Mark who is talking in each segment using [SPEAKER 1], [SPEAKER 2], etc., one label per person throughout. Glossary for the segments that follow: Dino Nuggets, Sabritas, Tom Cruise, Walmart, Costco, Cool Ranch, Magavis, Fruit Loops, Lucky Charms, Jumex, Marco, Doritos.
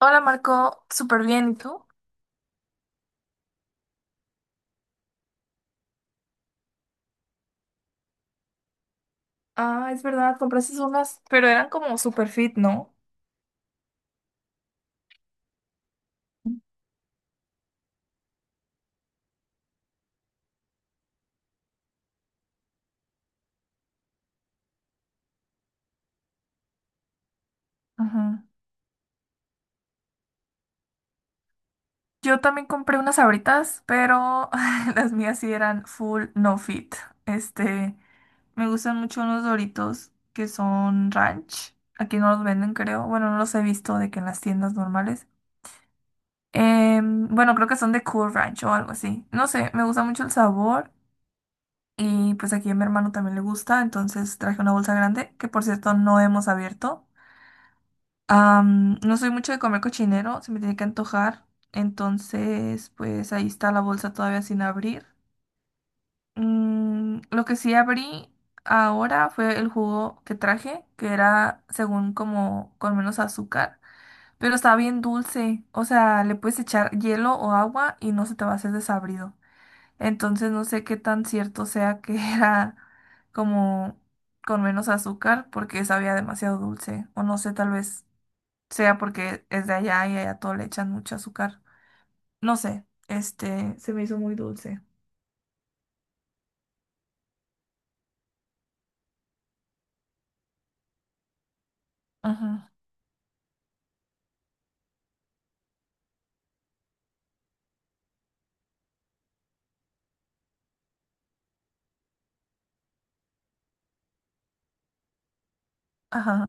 [SPEAKER 1] Hola Marco, súper bien, ¿y tú? Ah, es verdad, compraste unas, pero eran como super fit, ¿no? Ajá. Yo también compré unas Sabritas, pero las mías sí eran full no fit. Este, me gustan mucho unos Doritos que son ranch. Aquí no los venden, creo. Bueno, no los he visto de que en las tiendas normales. Bueno, creo que son de Cool Ranch o algo así. No sé, me gusta mucho el sabor. Y pues aquí a mi hermano también le gusta, entonces traje una bolsa grande que por cierto no hemos abierto. No soy mucho de comer cochinero, se me tiene que antojar. Entonces, pues ahí está la bolsa todavía sin abrir. Lo que sí abrí ahora fue el jugo que traje, que era según como con menos azúcar, pero estaba bien dulce. O sea, le puedes echar hielo o agua y no se te va a hacer desabrido. Entonces, no sé qué tan cierto sea que era como con menos azúcar porque sabía demasiado dulce. O no sé, tal vez sea porque es de allá y allá todo le echan mucho azúcar. No sé, este, se me hizo muy dulce. Ajá, ajá,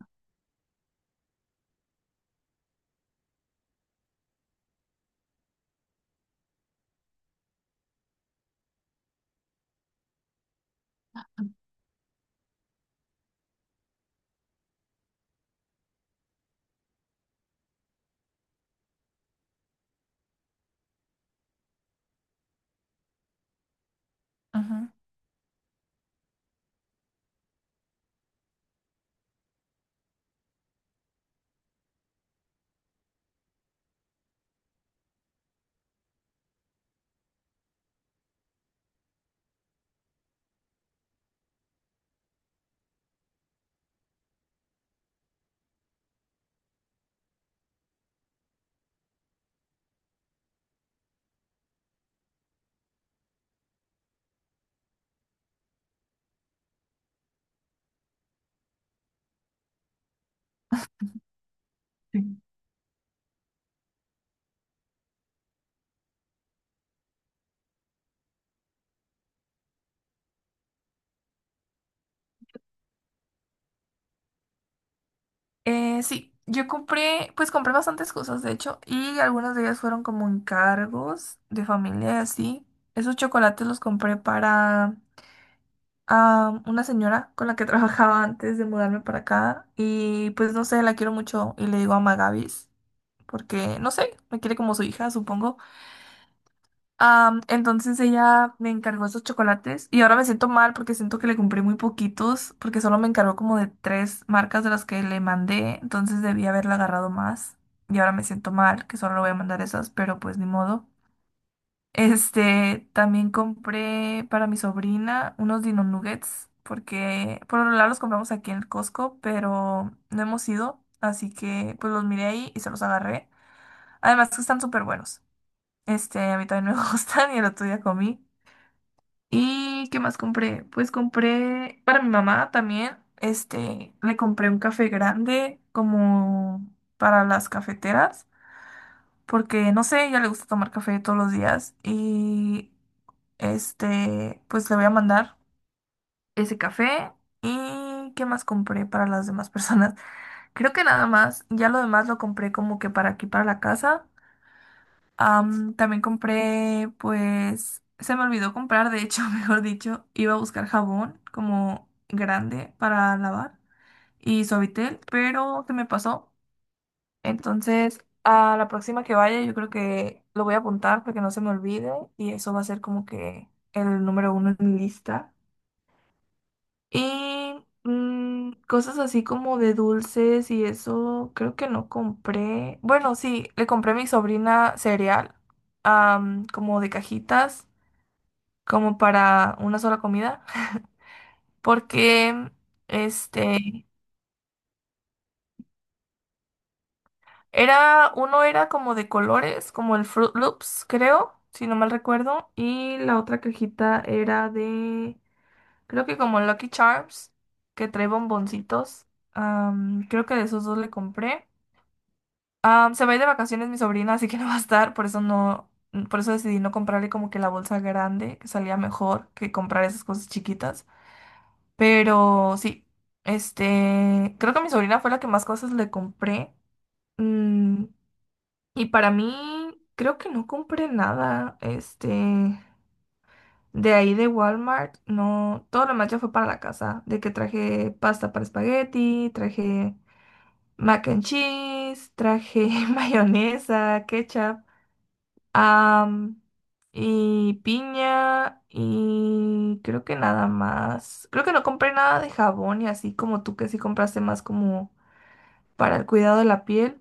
[SPEAKER 1] ajá. Sí. Sí, yo compré, pues compré bastantes cosas, de hecho, y algunas de ellas fueron como encargos de familia y así. Esos chocolates los compré para una señora con la que trabajaba antes de mudarme para acá y pues no sé, la quiero mucho y le digo a Magavis porque, no sé, me quiere como su hija, supongo. Entonces ella me encargó esos chocolates y ahora me siento mal porque siento que le compré muy poquitos porque solo me encargó como de 3 marcas de las que le mandé, entonces debí haberla agarrado más y ahora me siento mal que solo le voy a mandar esas, pero pues ni modo. Este, también compré para mi sobrina unos Dino Nuggets porque por lo general los compramos aquí en el Costco, pero no hemos ido, así que pues los miré ahí y se los agarré. Además que están súper buenos. Este, a mí también me gustan y el otro día comí. ¿Y qué más compré? Pues compré para mi mamá también, este, le compré un café grande como para las cafeteras, porque no sé, ella le gusta tomar café todos los días y este, pues le voy a mandar ese café. ¿Y qué más compré para las demás personas? Creo que nada más, ya lo demás lo compré como que para aquí, para la casa. También compré, pues, se me olvidó comprar, de hecho, mejor dicho, iba a buscar jabón como grande para lavar y suavitel, pero se me pasó. Entonces, a la próxima que vaya, yo creo que lo voy a apuntar para que no se me olvide y eso va a ser como que el número uno en mi lista. Y cosas así como de dulces y eso, creo que no compré. Bueno, sí, le compré a mi sobrina cereal, como de cajitas, como para una sola comida, porque este era, uno era como de colores, como el Fruit Loops, creo, si no mal recuerdo, y la otra cajita era de, creo que como Lucky Charms, que trae bomboncitos. Creo que de esos dos le compré. Se va a ir de vacaciones mi sobrina, así que no va a estar, por eso no, por eso decidí no comprarle como que la bolsa grande, que salía mejor que comprar esas cosas chiquitas. Pero sí, este, creo que a mi sobrina fue la que más cosas le compré. Mm, y para mí, creo que no compré nada, este, de ahí de Walmart, no, todo lo demás ya fue para la casa, de que traje pasta para espagueti, traje mac and cheese, traje mayonesa, ketchup. Am, y piña y creo que nada más. Creo que no compré nada de jabón y así como tú que sí compraste más como para el cuidado de la piel.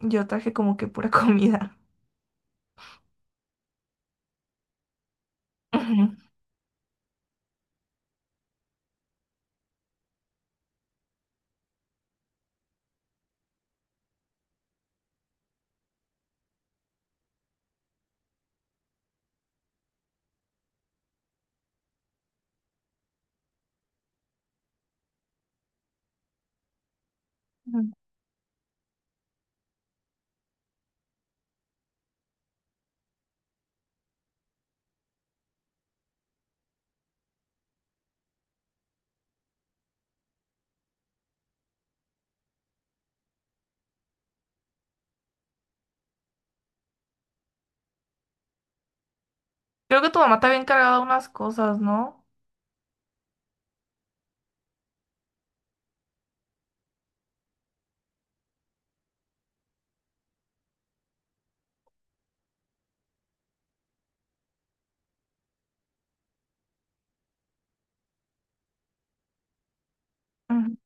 [SPEAKER 1] Yo traje como que pura comida. Ujú, ujú. Creo que tu mamá te había encargado unas cosas, ¿no? Ujú,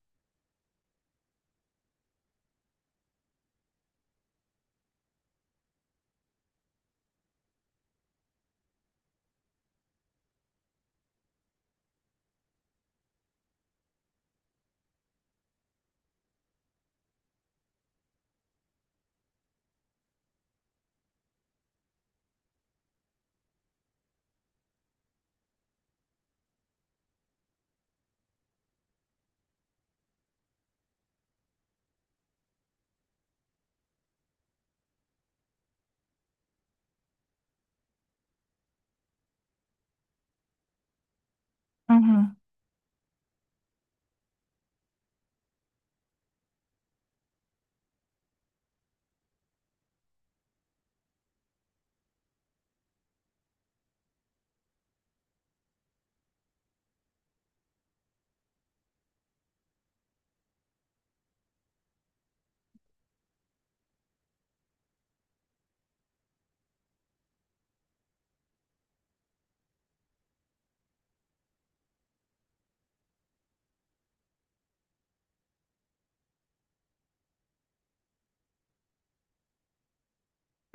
[SPEAKER 1] ujú.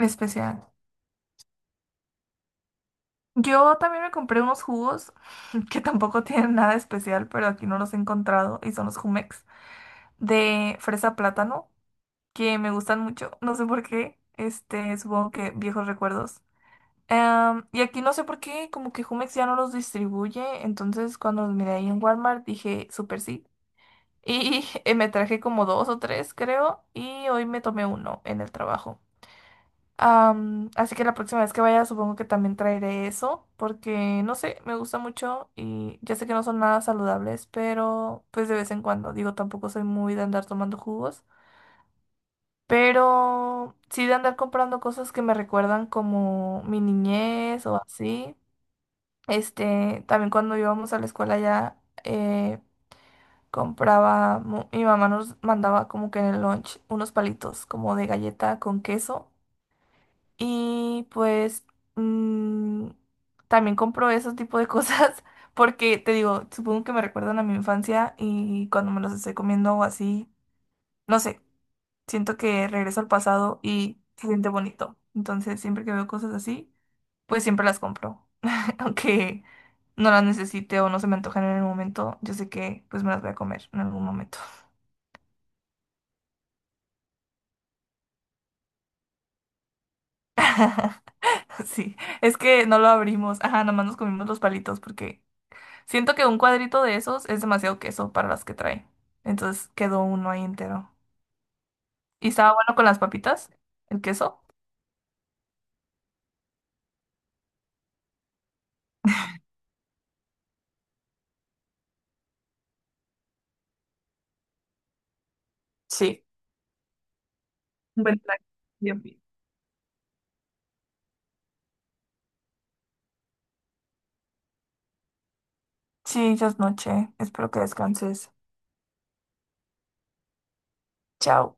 [SPEAKER 1] Especial. Yo también me compré unos jugos que tampoco tienen nada especial, pero aquí no los he encontrado y son los Jumex de fresa plátano, que me gustan mucho, no sé por qué, este, supongo que viejos recuerdos. Y aquí no sé por qué, como que Jumex ya no los distribuye, entonces cuando los miré ahí en Walmart dije, súper sí. Y me traje como 2 o 3, creo, y hoy me tomé uno en el trabajo. Así que la próxima vez que vaya supongo que también traeré eso, porque no sé, me gusta mucho y ya sé que no son nada saludables, pero pues de vez en cuando, digo, tampoco soy muy de andar tomando jugos. Pero sí de andar comprando cosas que me recuerdan como mi niñez o así. Este, también cuando íbamos a la escuela ya compraba, mi mamá nos mandaba como que en el lunch unos palitos como de galleta con queso. Y pues mm, también compro esos tipo de cosas porque te digo, supongo que me recuerdan a mi infancia y cuando me los estoy comiendo o así, no sé. Siento que regreso al pasado y se siente bonito. Entonces, siempre que veo cosas así, pues siempre las compro. Aunque no las necesite o no se me antojen en el momento, yo sé que pues me las voy a comer en algún momento. Sí, es que no lo abrimos. Ajá, nomás nos comimos los palitos porque siento que un cuadrito de esos es demasiado queso para las que trae. Entonces quedó uno ahí entero. ¿Y estaba bueno con las papitas? ¿El queso? Sí. Buen plan. Bien, bien. Sí, ya es noche. Espero que descanses. Chao.